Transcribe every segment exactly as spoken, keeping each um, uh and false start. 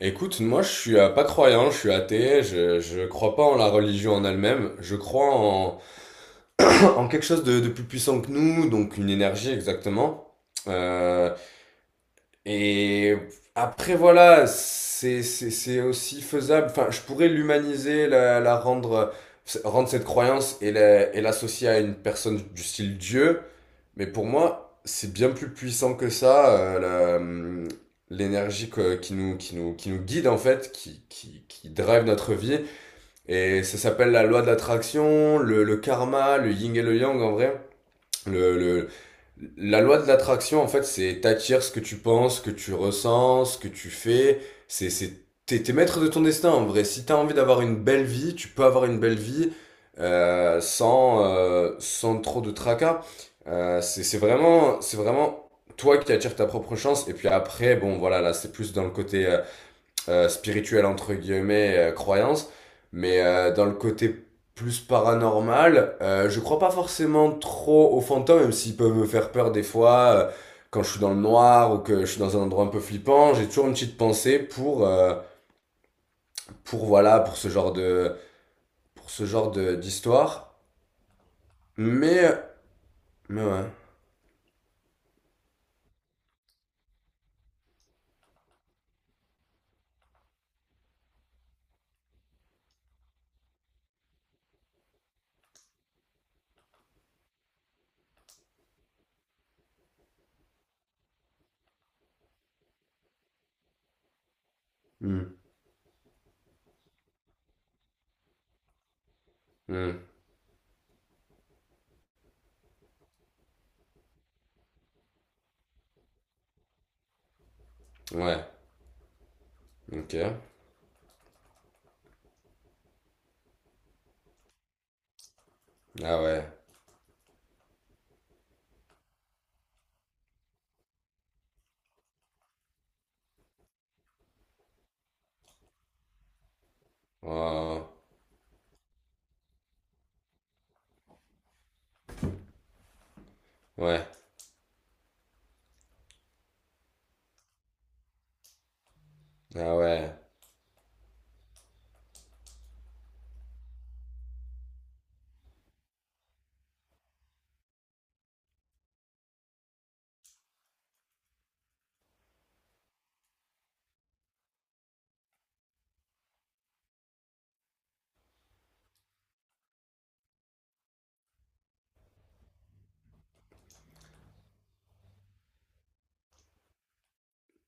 Écoute, moi je suis euh, pas croyant, je suis athée, je, je crois pas en la religion en elle-même, je crois en, en quelque chose de, de plus puissant que nous, donc une énergie exactement. Euh, et après voilà, c'est, c'est, c'est aussi faisable, enfin je pourrais l'humaniser, la, la rendre, rendre cette croyance et la- et l'associer à une personne du style Dieu. Mais pour moi, c'est bien plus puissant que ça, euh, la, hum, l'énergie que- qui nous, qui nous, qui nous guide en fait, qui, qui, qui drive notre vie. Et ça s'appelle la loi de l'attraction, le, le karma, le yin et le yang en vrai. Le, le- la loi de l'attraction, en fait, c'est t'attires ce que tu penses, ce que tu ressens, ce que tu fais. C'est, c'est, t'es, T'es maître de ton destin, en vrai. Si t'as envie d'avoir une belle vie, tu peux avoir une belle vie euh, sans, euh, sans trop de tracas. Euh, c'est, c'est vraiment, c'est vraiment toi qui attires ta propre chance. Et puis après, bon, voilà, là, c'est plus dans le côté euh, euh, spirituelle entre guillemets euh, croyance mais euh, dans le côté plus paranormal, euh, je crois pas forcément trop aux fantômes même s'ils peuvent me faire peur des fois, euh, quand je suis dans le noir ou que je suis dans un endroit un peu flippant, j'ai toujours une petite pensée pour, euh, pour voilà pour ce genre de pour ce genre de d'histoire mais mais ouais. Hmm. Hmm. Ouais. Ok. Ah ouais. Oh. Ouais. Ah ouais.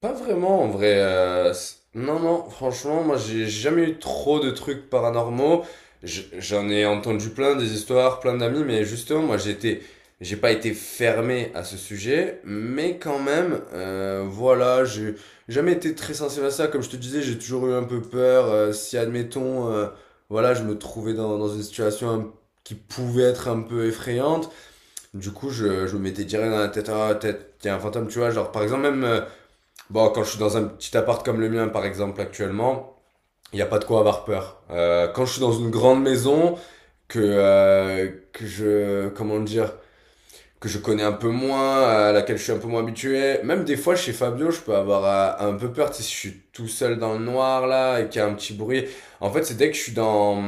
Pas vraiment en vrai. Euh, c- non, non, franchement, moi j'ai jamais eu trop de trucs paranormaux. Je- J'en ai entendu plein des histoires, plein d'amis, mais justement, moi j'étais, j'ai pas été fermé à ce sujet, mais quand même, euh, voilà, j'ai jamais été très sensible à ça. Comme je te disais, j'ai toujours eu un peu peur. Euh, si admettons, euh, voilà, je me trouvais dans, dans une situation un- qui pouvait être un peu effrayante, du coup, je, je me mettais direct dans la tête, ah, tête, il y a un fantôme, tu vois, genre par exemple même. euh, Bon, quand je suis dans un petit appart comme le mien, par exemple, actuellement, il n'y a pas de quoi avoir peur. Euh, quand je suis dans une grande maison que euh, que je comment dire que je connais un peu moins, à laquelle je suis un peu moins habitué, même des fois chez Fabio, je peux avoir euh, un peu peur, tu sais, si je suis tout seul dans le noir là et qu'il y a un petit bruit. En fait, c'est dès que je suis dans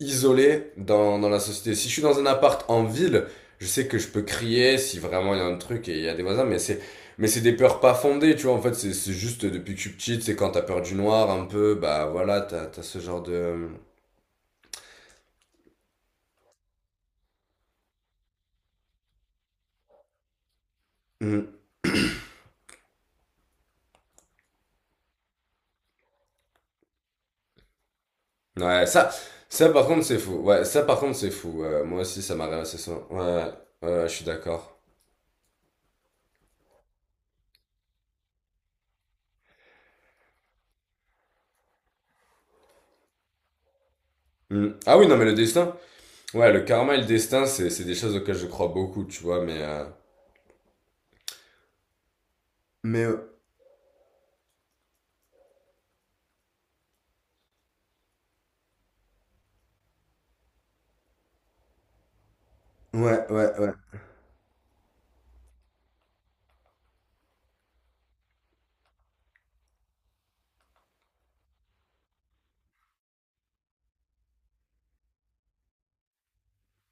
isolé dans, dans la société. Si je suis dans un appart en ville, je sais que je peux crier si vraiment il y a un truc et il y a des voisins, mais c'est mais c'est des peurs pas fondées, tu vois. En fait, c'est c'est juste depuis que je suis petite, c'est quand t'as peur du noir un peu, bah voilà, t'as t'as ce genre de. Mhm. Ouais, ça, ça par contre c'est fou. Ouais, ça par contre c'est fou. Euh, moi aussi ça m'a révélé ça. Ouais, ouais, ouais, je suis d'accord. Mhm. Ah oui, non mais le destin. Ouais, le karma et le destin, c'est c'est des choses auxquelles je crois beaucoup, tu vois. Mais euh, mais euh, ouais, ouais, ouais,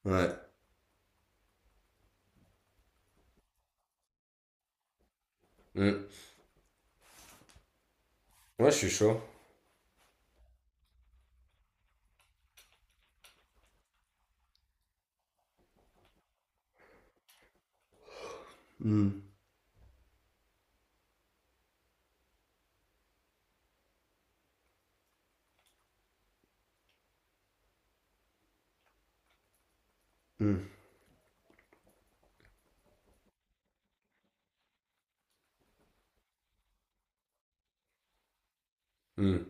ouais. Mhm. Ouais, je suis chaud. Hmm, hmm. Hmm.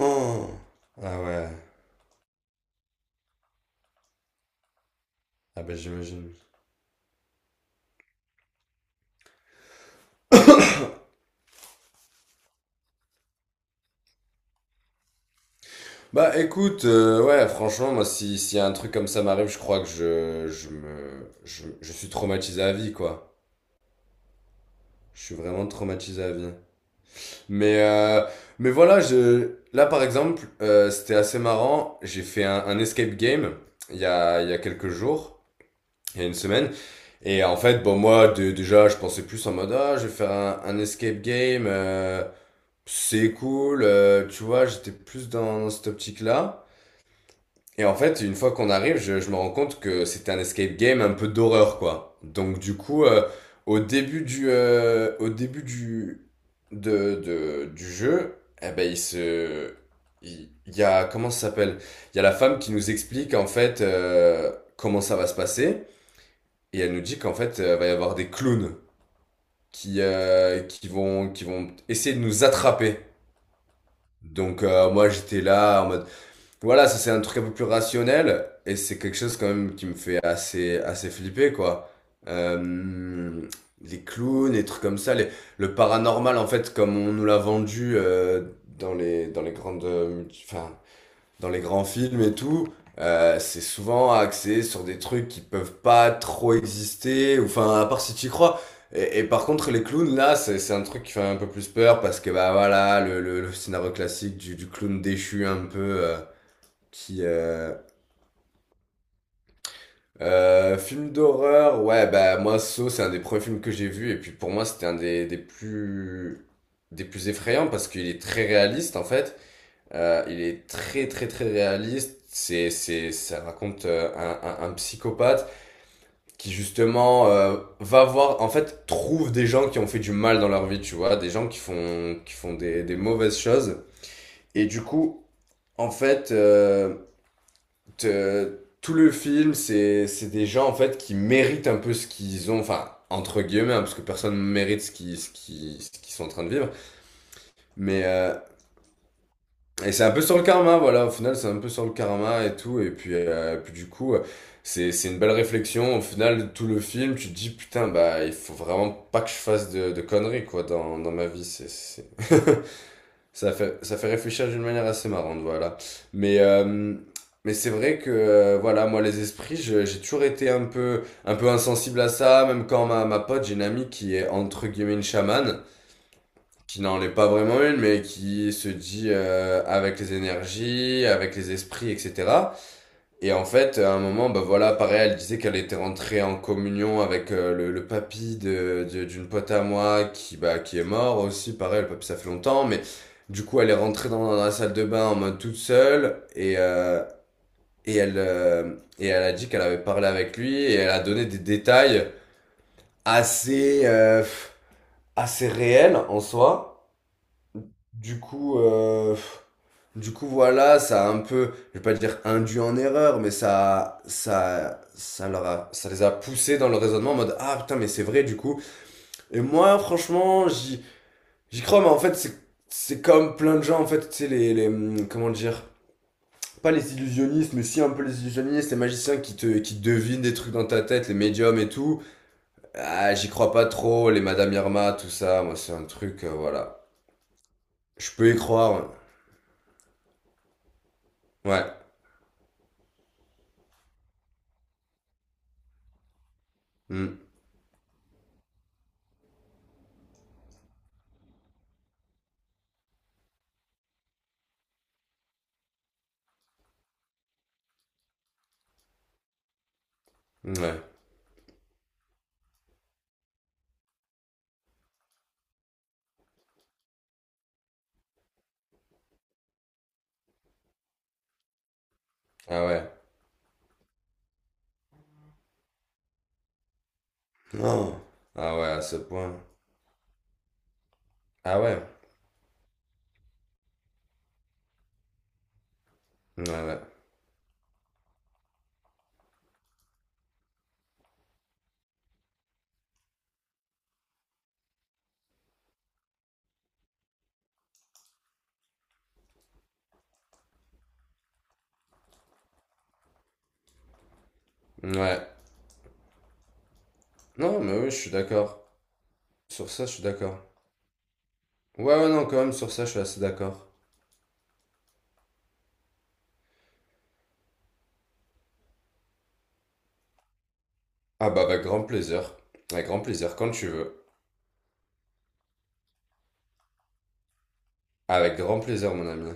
Oh. Ah ouais. Ah bah j'imagine. Bah écoute, euh, ouais, franchement, moi, si, si un truc comme ça m'arrive, je crois que je, je me, je, je suis traumatisé à vie, quoi. Je suis vraiment traumatisé à vie. Mais, euh, mais voilà, je, là, par exemple, euh, c'était assez marrant. J'ai fait un, un escape game il y a, il y a quelques jours, il y a une semaine. Et en fait, bon, moi, de- déjà, je pensais plus en mode, ah, je vais faire un, un escape game. euh, C'est cool, euh, tu vois, j'étais plus dans, dans cette optique-là. Et en fait, une fois qu'on arrive, je, je me rends compte que c'était un escape game un peu d'horreur, quoi. Donc du coup, euh, au début du, euh, au début du, de, de- du jeu, eh ben, il se, il, il y a, comment ça s'appelle? Il y a la femme qui nous explique, en fait, euh, comment ça va se passer. Et elle nous dit qu'en fait, euh, va y avoir des clowns qui, euh, qui vont, qui vont essayer de nous attraper. Donc euh, moi j'étais là en mode voilà, ça c'est un truc un peu plus rationnel et c'est quelque chose quand même qui me fait assez assez flipper, quoi. Euh, les clowns, les trucs comme ça, les, le paranormal en fait comme on nous l'a vendu, euh, dans les dans les grandes euh, multi- enfin dans les grands films et tout, euh, c'est souvent axé sur des trucs qui peuvent pas trop exister, ou enfin, à part si tu y crois. Et, et par contre, les clowns, là, c'est c'est un truc qui fait un peu plus peur parce que, bah voilà, le, le, le scénario classique du, du clown déchu un peu, euh, qui... Euh... Euh, film d'horreur, ouais, bah moi, Saw, c'est un des premiers films que j'ai vu, et puis pour moi, c'était un des, des plus... des plus effrayants parce qu'il est très réaliste, en fait. Euh, il est très très très réaliste. C'est c'est Ça raconte euh, un, un, un psychopathe qui justement, euh, va voir en fait trouve des gens qui ont fait du mal dans leur vie, tu vois, des gens qui font qui font des des mauvaises choses, et du coup, en fait, euh, te- tout le film c'est c'est des gens en fait qui méritent un peu ce qu'ils ont, enfin entre guillemets, hein, parce que personne mérite ce qui ce qui ce qu'ils sont en train de vivre. Mais euh, Et c'est un peu sur le karma, voilà, au final, c'est un peu sur le karma et tout. Et puis, euh, puis du coup, euh, c'est, c'est une belle réflexion. Au final, tout le film, tu te dis, putain, bah, il faut vraiment pas que je fasse de, de conneries, quoi, dans, dans ma vie. C'est, c'est- Ça fait, ça fait réfléchir d'une manière assez marrante, voilà. Mais, euh, mais c'est vrai que, euh, voilà, moi, les esprits, je- j'ai toujours été un peu, un peu insensible à ça. Même quand ma, ma pote, j'ai une amie qui est, entre guillemets, une chamane qui n'en est pas vraiment une, mais qui se dit euh, avec les énergies, avec les esprits, et cetera. Et en fait, à un moment, bah voilà, pareil, elle disait qu'elle était rentrée en communion avec euh, le, le papy de, de- d'une pote à moi qui, bah, qui est mort aussi. Pareil, le papy, ça fait longtemps, mais du coup, elle est rentrée dans, dans la salle de bain en mode toute seule et, euh, et, elle, euh, et elle a dit qu'elle avait parlé avec lui et elle a donné des détails assez, euh, assez réels en soi. Du coup, euh, du coup, voilà, ça a un peu, je vais pas dire induit en erreur, mais ça, ça, ça leur a, ça les a poussés dans le raisonnement en mode, ah putain, mais c'est vrai, du coup. Et moi, franchement, j'y, j'y crois, mais en fait, c'est, c'est comme plein de gens, en fait, tu sais, les, les, hum, comment dire, pas les illusionnistes, mais si un peu les illusionnistes, les magiciens qui te, qui devinent des trucs dans ta tête, les médiums et tout. Ah, j'y crois pas trop, les Madame Irma, tout ça, moi, c'est un truc, euh, voilà. Je peux y croire, ouais. Ouais. Hmm. Ouais. Ah ouais. Non. Ah ouais, à ce point. Ah ouais. Ouais, ouais. Ouais. Non, mais oui, je suis d'accord. Sur ça, je suis d'accord. Ouais, ouais, non, quand même, sur ça, je suis assez d'accord. Ah bah, avec grand plaisir. Avec grand plaisir, quand tu veux. Avec grand plaisir, mon ami.